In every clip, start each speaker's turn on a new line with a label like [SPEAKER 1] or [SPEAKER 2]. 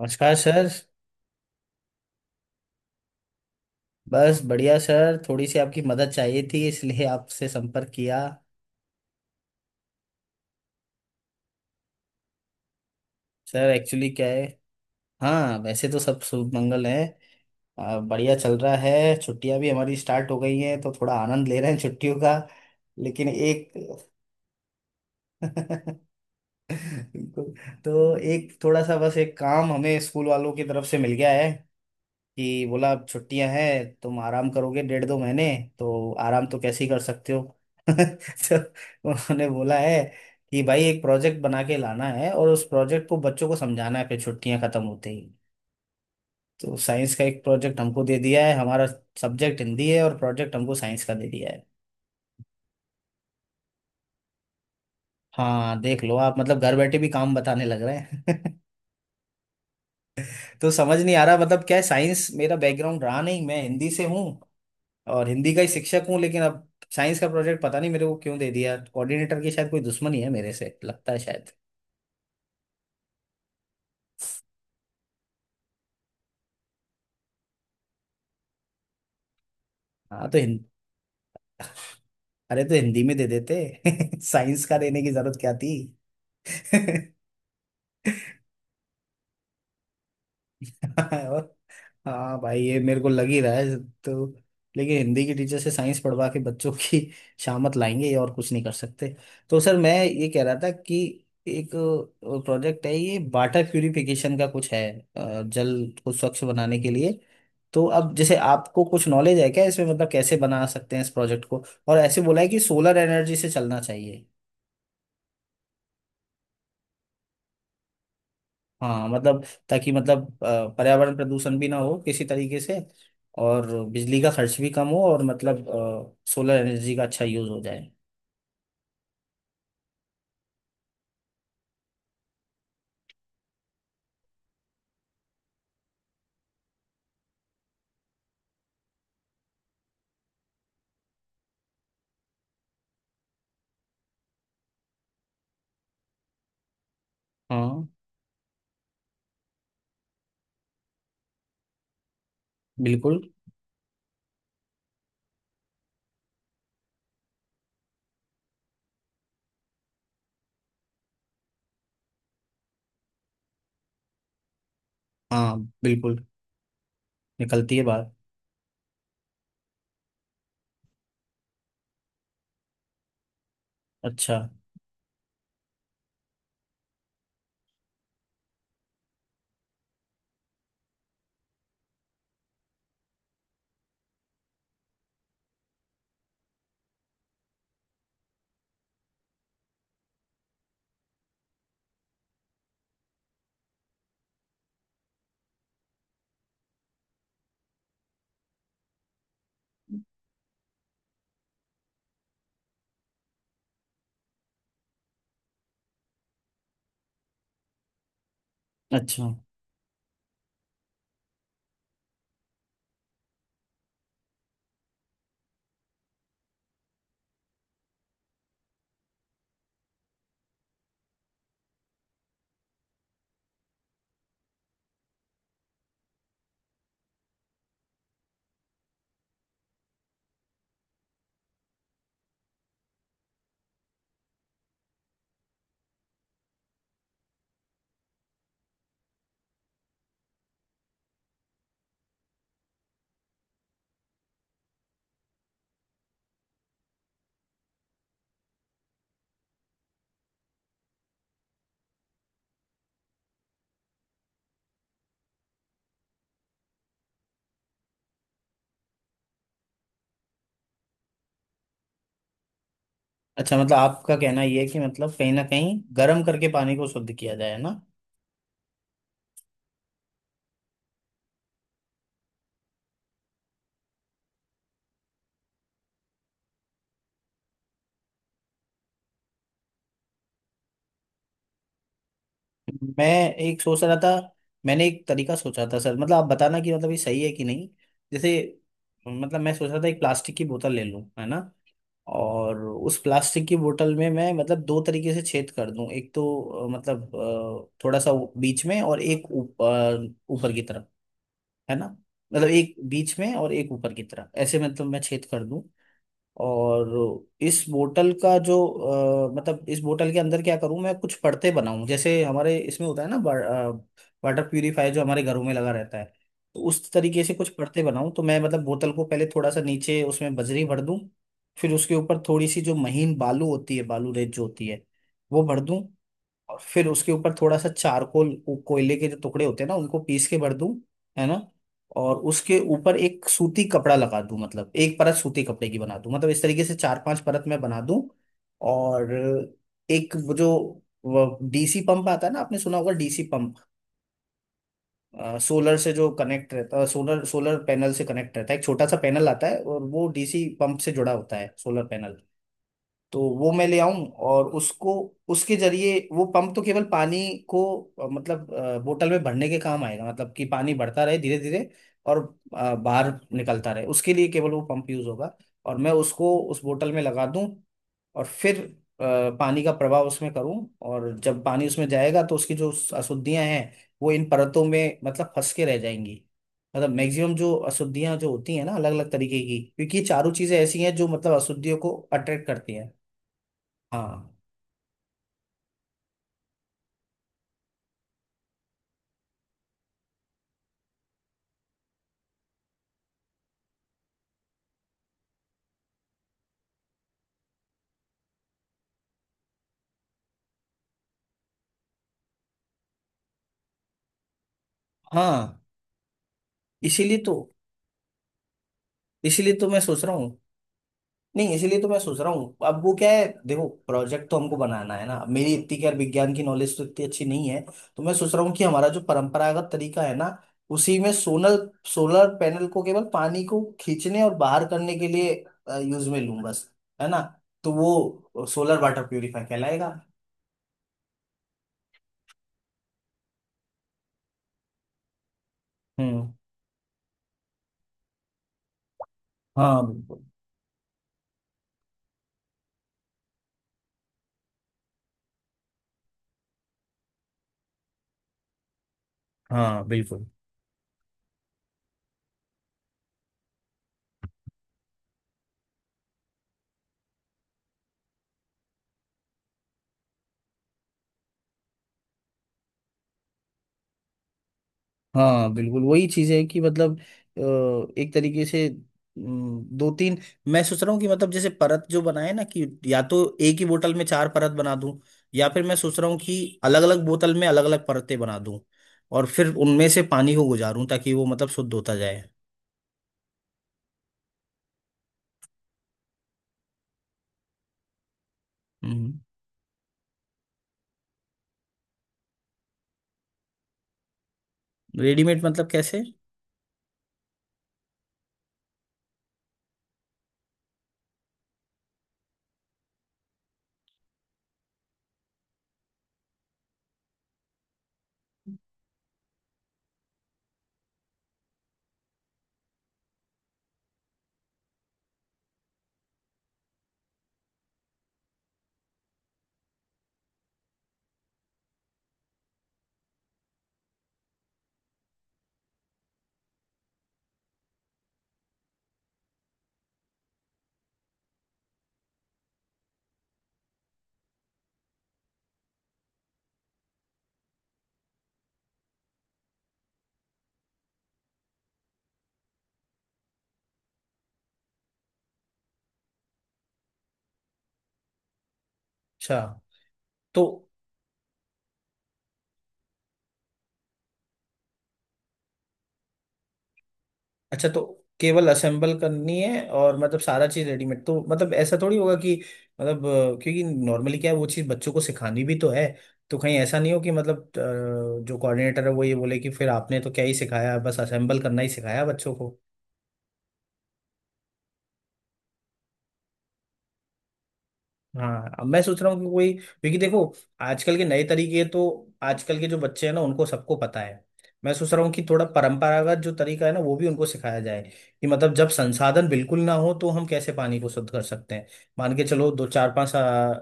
[SPEAKER 1] नमस्कार सर। बस बढ़िया सर, थोड़ी सी आपकी मदद चाहिए थी इसलिए आपसे संपर्क किया। सर एक्चुअली क्या है। हाँ, वैसे तो सब शुभ मंगल है। बढ़िया चल रहा है, छुट्टियां भी हमारी स्टार्ट हो गई हैं तो थोड़ा आनंद ले रहे हैं छुट्टियों का। लेकिन एक बिल्कुल। तो एक थोड़ा सा बस एक काम हमें स्कूल वालों की तरफ से मिल गया है कि बोला अब छुट्टियां हैं तुम आराम करोगे डेढ़ दो महीने, तो आराम तो कैसे ही कर सकते हो। तो उन्होंने बोला है कि भाई एक प्रोजेक्ट बना के लाना है और उस प्रोजेक्ट को बच्चों को समझाना है फिर छुट्टियां खत्म होते ही। तो साइंस का एक प्रोजेक्ट हमको दे दिया है हमारा। सब्जेक्ट हिंदी है और प्रोजेक्ट हमको साइंस का दे दिया है। हाँ देख लो आप, मतलब घर बैठे भी काम बताने लग रहे हैं। तो समझ नहीं आ रहा मतलब क्या है, साइंस मेरा बैकग्राउंड रहा नहीं, मैं हिंदी से हूँ और हिंदी का ही शिक्षक हूँ, लेकिन अब साइंस का प्रोजेक्ट पता नहीं मेरे को क्यों दे दिया। कोऑर्डिनेटर की शायद कोई दुश्मनी है मेरे से, लगता है शायद। हाँ तो हिंद अरे, तो हिंदी में दे देते साइंस का देने की जरूरत क्या थी। और हाँ भाई, ये मेरे को लग ही रहा है। तो लेकिन हिंदी की टीचर से साइंस पढ़वा के बच्चों की शामत लाएंगे, ये और कुछ नहीं कर सकते। तो सर मैं ये कह रहा था कि एक प्रोजेक्ट है, ये वाटर प्यूरिफिकेशन का कुछ है। जल को स्वच्छ बनाने के लिए। तो अब जैसे आपको कुछ नॉलेज है क्या इसमें, मतलब कैसे बना सकते हैं इस प्रोजेक्ट को, और ऐसे बोला है कि सोलर एनर्जी से चलना चाहिए। हाँ मतलब ताकि मतलब पर्यावरण प्रदूषण भी ना हो किसी तरीके से, और बिजली का खर्च भी कम हो, और मतलब सोलर एनर्जी का अच्छा यूज हो जाए। हाँ बिल्कुल। हाँ बिल्कुल। निकलती है बात। अच्छा अच्छा अच्छा। मतलब आपका कहना ये है कि मतलब कहीं ना कहीं गर्म करके पानी को शुद्ध किया जाए ना। मैं एक सोच रहा था, मैंने एक तरीका सोचा था सर, मतलब आप बताना कि मतलब ये सही है कि नहीं। जैसे मतलब मैं सोच रहा था एक प्लास्टिक की बोतल ले लूं, है ना। और उस प्लास्टिक की बोतल में मैं मतलब दो तरीके से छेद कर दूं, एक तो मतलब थोड़ा सा बीच में और एक ऊपर की तरफ, है ना। मतलब एक बीच में और एक ऊपर की तरफ ऐसे मतलब मैं छेद कर दूं। और इस बोतल का जो मतलब इस बोतल के अंदर क्या करूं, मैं कुछ परतें बनाऊं, जैसे हमारे इसमें होता है ना, वाटर प्यूरिफायर जो हमारे घरों में लगा रहता है। तो उस तरीके से कुछ परतें बनाऊं, तो मैं मतलब बोतल को पहले थोड़ा सा नीचे उसमें बजरी भर दूं, फिर उसके ऊपर थोड़ी सी जो महीन बालू होती है, बालू रेत जो होती है, वो भर दूं, और फिर उसके ऊपर थोड़ा सा चारकोल, वो कोयले के जो टुकड़े होते हैं ना उनको पीस के भर दूं, है ना। और उसके ऊपर एक सूती कपड़ा लगा दूं, मतलब एक परत सूती कपड़े की बना दूं, मतलब इस तरीके से चार पांच परत मैं बना दूं। और एक वो जो डीसी पंप आता है ना, आपने सुना होगा डीसी पंप, सोलर से जो कनेक्ट रहता है, सोलर सोलर पैनल से कनेक्ट रहता है, एक छोटा सा पैनल आता है और वो डीसी पंप से जुड़ा होता है सोलर पैनल। तो वो मैं ले आऊं और उसको, उसके जरिए वो पंप तो केवल पानी को मतलब बोतल में भरने के काम आएगा, मतलब कि पानी बढ़ता रहे धीरे धीरे, और बाहर निकलता रहे, उसके लिए केवल वो पंप यूज होगा। और मैं उसको उस बोतल में लगा दूं, और फिर अ, पानी का प्रवाह उसमें करूं, और जब पानी उसमें जाएगा तो उसकी जो अशुद्धियां हैं वो इन परतों में मतलब फंस के रह जाएंगी। मतलब मैक्सिमम जो अशुद्धियां जो होती हैं ना अलग अलग तरीके की, क्योंकि ये चारों चीजें ऐसी हैं जो मतलब अशुद्धियों को अट्रैक्ट करती हैं। हाँ। हाँ इसीलिए तो इसीलिए तो मैं सोच रहा हूँ। नहीं, इसीलिए तो मैं सोच रहा हूँ अब वो क्या है, देखो प्रोजेक्ट तो हमको बनाना है ना। अब मेरी इतनी खैर विज्ञान की नॉलेज तो इतनी अच्छी नहीं है। तो मैं सोच रहा हूँ कि हमारा जो परंपरागत तरीका है ना, उसी में सोलर, सोलर पैनल को केवल पानी को खींचने और बाहर करने के लिए यूज में लूँ बस, है ना। तो वो सोलर वाटर प्यूरिफायर कहलाएगा। हम्म। हाँ बिल्कुल। हाँ बिल्कुल। हाँ बिल्कुल वही चीज है कि मतलब एक तरीके से दो तीन, मैं सोच रहा हूँ कि मतलब जैसे परत जो बनाए ना कि या तो एक ही बोतल में चार परत बना दूं, या फिर मैं सोच रहा हूँ कि अलग अलग बोतल में अलग अलग परतें बना दूं, और फिर उनमें से पानी को गुजारूं ताकि वो मतलब शुद्ध होता जाए। हम्म। रेडीमेड मतलब कैसे। अच्छा तो अच्छा तो केवल असेंबल करनी है, और मतलब सारा चीज रेडीमेड, तो मतलब ऐसा थोड़ी होगा कि मतलब क्योंकि नॉर्मली क्या है वो चीज बच्चों को सिखानी भी तो है। तो कहीं ऐसा नहीं हो कि मतलब जो कोऑर्डिनेटर है वो ये बोले कि फिर आपने तो क्या ही सिखाया, बस असेंबल करना ही सिखाया बच्चों को। हाँ अब मैं सोच रहा हूँ कि कोई, क्योंकि देखो आजकल के नए तरीके तो आजकल के जो बच्चे हैं ना उनको सबको पता है। मैं सोच रहा हूँ कि थोड़ा परंपरागत जो तरीका है ना वो भी उनको सिखाया जाए, कि मतलब जब संसाधन बिल्कुल ना हो तो हम कैसे पानी को शुद्ध कर सकते हैं। मान के चलो, दो चार पांच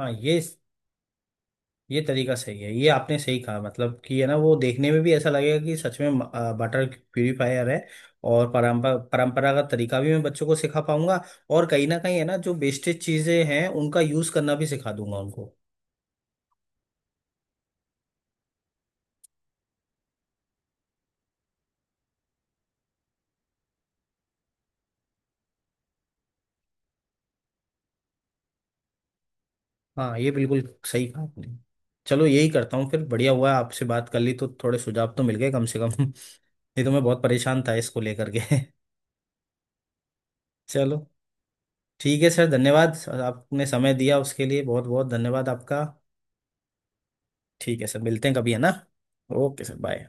[SPEAKER 1] हाँ ये तरीका सही है, ये आपने सही कहा। मतलब कि है ना वो देखने में भी ऐसा लगेगा कि सच में बटर प्यूरिफायर है। और परंपरागत तरीका भी मैं बच्चों को सिखा पाऊंगा, और कहीं ना कहीं है ना जो वेस्टेज चीजें हैं उनका यूज करना भी सिखा दूंगा उनको। हाँ ये बिल्कुल सही कहा आपने। चलो यही करता हूँ, फिर बढ़िया हुआ आपसे बात कर ली तो थोड़े सुझाव तो मिल गए कम से कम। नहीं तो मैं बहुत परेशान था इसको लेकर के। चलो ठीक है सर, धन्यवाद सर, आपने समय दिया उसके लिए बहुत बहुत धन्यवाद आपका। ठीक है सर, मिलते हैं कभी, है ना। Okay sir, bye.